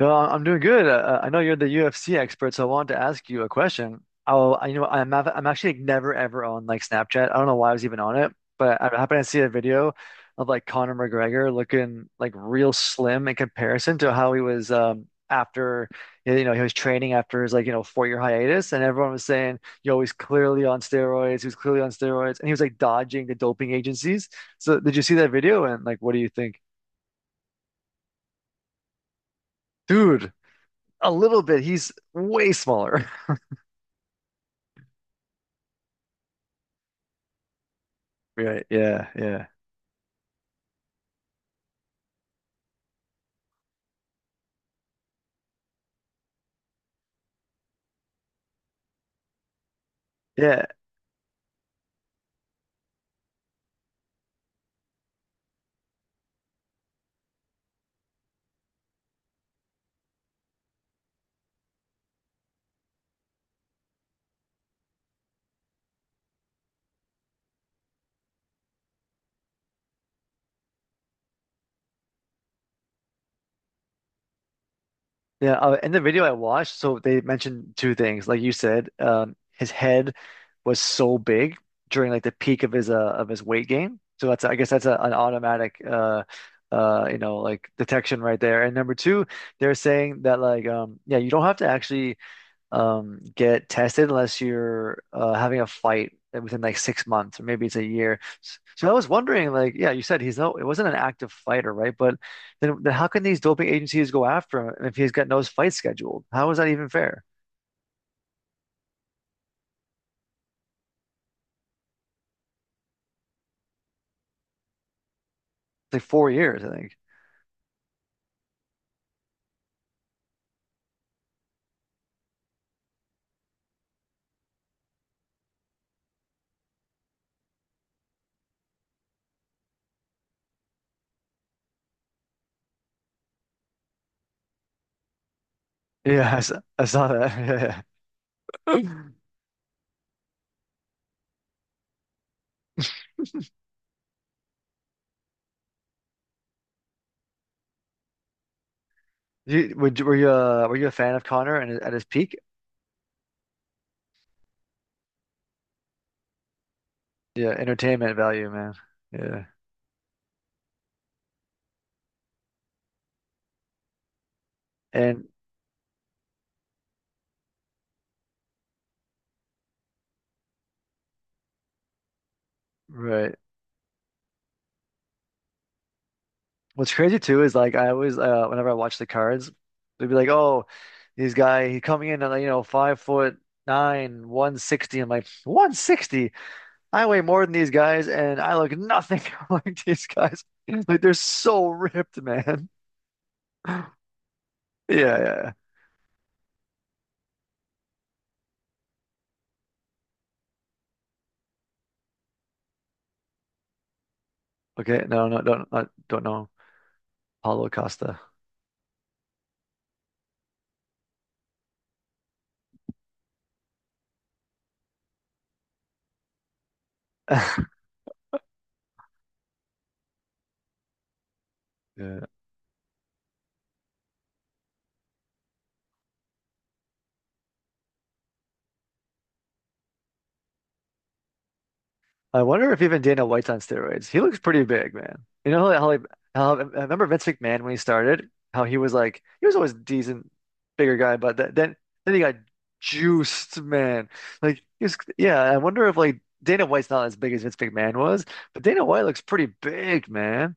No, am doing good. I know you're the UFC expert, so I wanted to ask you a question. I'm actually never ever on like Snapchat. I don't know why I was even on it, but I happened to see a video of like Conor McGregor looking like real slim in comparison to how he was after he was training after his like 4 year hiatus, and everyone was saying, "Yo, he's clearly on steroids. He was clearly on steroids," and he was like dodging the doping agencies. So, did you see that video? And like, what do you think, dude? A little bit. He's way smaller. Right. Yeah. Yeah. Yeah. Yeah. In the video I watched, so they mentioned two things. Like you said, his head was so big during like the peak of his of his weight gain. So that's I guess that's an automatic like detection right there. And number two, they're saying that like yeah you don't have to actually get tested unless you're having a fight within like 6 months or maybe it's a year. So I was wondering, like, yeah, you said he's no, it wasn't an active fighter, right? But then how can these doping agencies go after him if he's got no fight scheduled? How is that even fair? It's like 4 years, I think. I saw that. Yeah, yeah. You, were you were you a fan of Connor and at his peak? Yeah, entertainment value, man. Yeah, and right. What's crazy too is like I always whenever I watch the cards, they'd be like, "Oh, this guy he coming in at like, you know 5 foot nine, 160." I'm like, "160? I weigh more than these guys, and I look nothing like these guys. Like they're so ripped, man." Yeah, yeah, yeah. Okay, don't know Paulo Costa. Yeah. I wonder if even Dana White's on steroids. He looks pretty big, man. You know how like how I remember Vince McMahon when he started, how he was like he was always a decent, bigger guy, but th then he got juiced, man. Like he's yeah. I wonder if like Dana White's not as big as Vince McMahon was, but Dana White looks pretty big, man.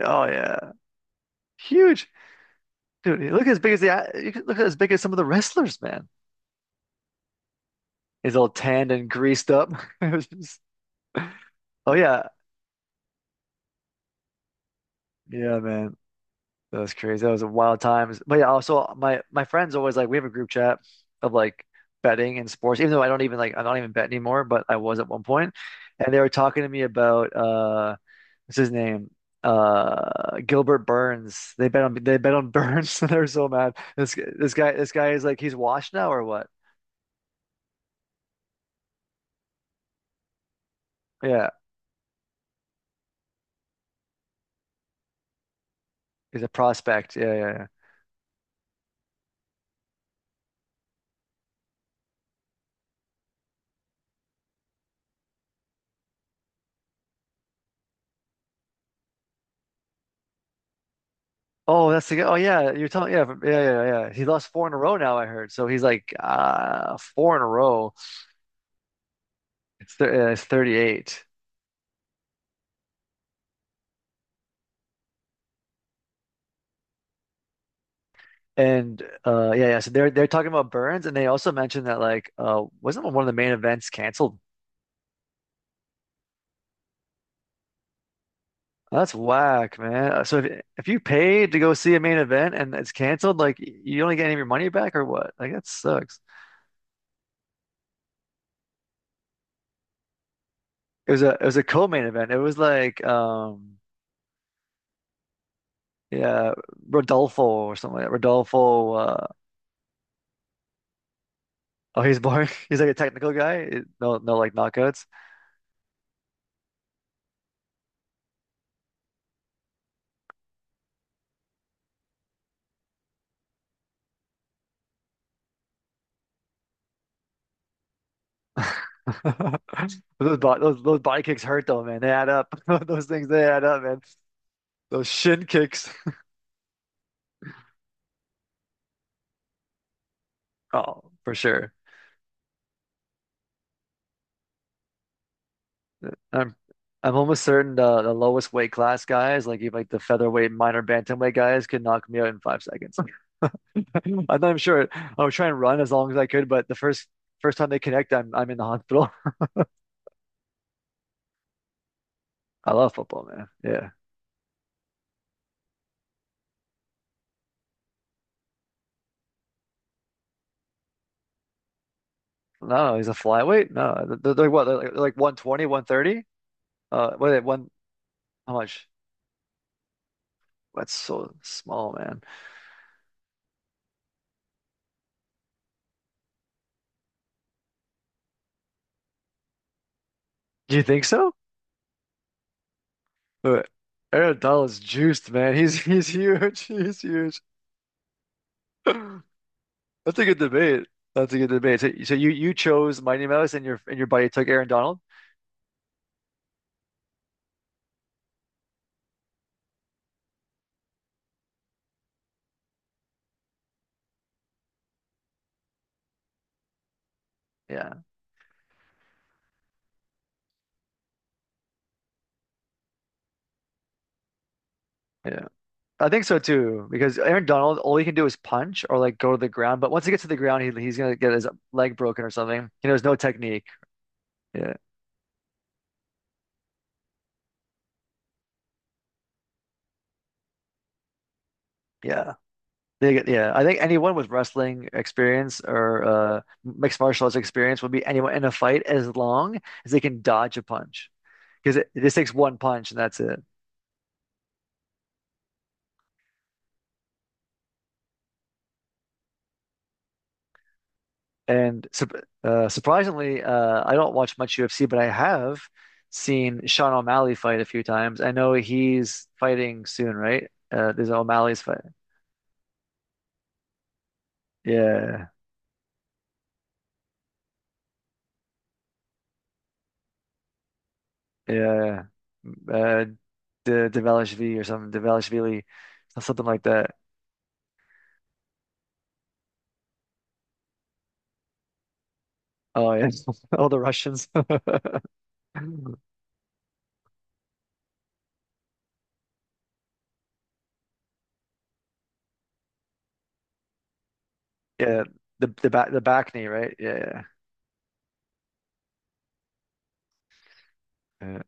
Oh yeah, huge dude. Look as big as the you could look as big as some of the wrestlers, man. He's all tanned and greased up. It was just- oh yeah, yeah, man. That was crazy. That was a wild times. But yeah, also my friends always like we have a group chat of like betting and sports, even though I don't even like I don't even bet anymore, but I was at one point. And they were talking to me about what's his name? Gilbert Burns. They bet on Burns and they're so mad. This guy is like he's washed now or what? Yeah. He's a prospect. Yeah, yeah, yeah. Oh, that's the guy. Oh, yeah. You're telling, yeah, from- yeah, yeah, yeah. He lost four in a row now, I heard. So he's like, four in a row. It's th yeah, it's 38. And yeah, yeah. So they're talking about Burns and they also mentioned that like wasn't one of the main events canceled? That's whack, man. So if you paid to go see a main event and it's canceled, like you don't get any of your money back or what? Like that sucks. It was a co-main event. It was like yeah, Rodolfo or something like that. Rodolfo uh oh he's boring. He's like a technical guy. No no like knockouts. Those body kicks hurt though, man. They add up. Those things they add up, man. Those shin kicks. Oh, for sure. I'm I'm almost certain the lowest weight class guys, like even like the featherweight minor bantamweight guys, could knock me out in 5 seconds. I'm not even sure. I would try and run as long as I could, but the first time they connect, I'm in the hospital. I love football, man. Yeah. No, he's a flyweight. No, they're what? They're like 120, 130? What? Are they- One? How much? That's so small, man. Do you think so? But Aaron Donald's juiced, man. He's huge. He's huge. That's a good debate. That's a good debate. So, you chose Mighty Mouse and your buddy took Aaron Donald? Yeah, yeah. I think so too, because Aaron Donald, all he can do is punch or like go to the ground. But once he gets to the ground, he's gonna get his leg broken or something. He knows no technique. Yeah, yeah. They get, yeah, I think anyone with wrestling experience or mixed martial arts experience will be anyone in a fight as long as they can dodge a punch, because it just takes one punch and that's it. And sup surprisingly, I don't watch much UFC, but I have seen Sean O'Malley fight a few times. I know he's fighting soon, right? There's O'Malley's fight. Yeah, yeah. Uh, De Develishvili or something, Develishvili, something like that. Oh yeah, all the Russians. Yeah, the back knee, right? Yeah, yeah.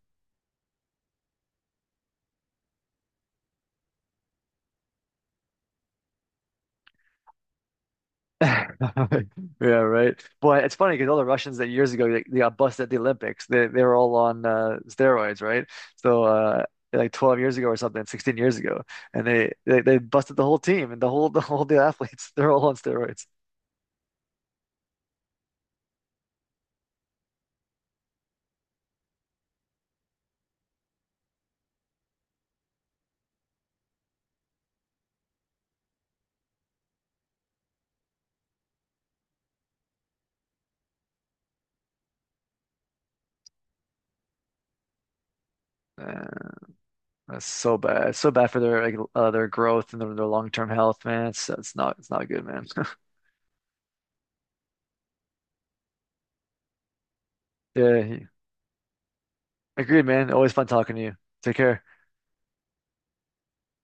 Yeah, right. But it's funny because all the Russians that years ago they got busted at the Olympics. They were all on steroids, right? So like 12 years ago or something, 16 years ago, and they busted the whole team and the whole the whole the athletes. They're all on steroids. Man, that's so bad. It's so bad for their like their growth and their long-term health, man. It's not good, man. Yeah, agreed, man. Always fun talking to you. Take care.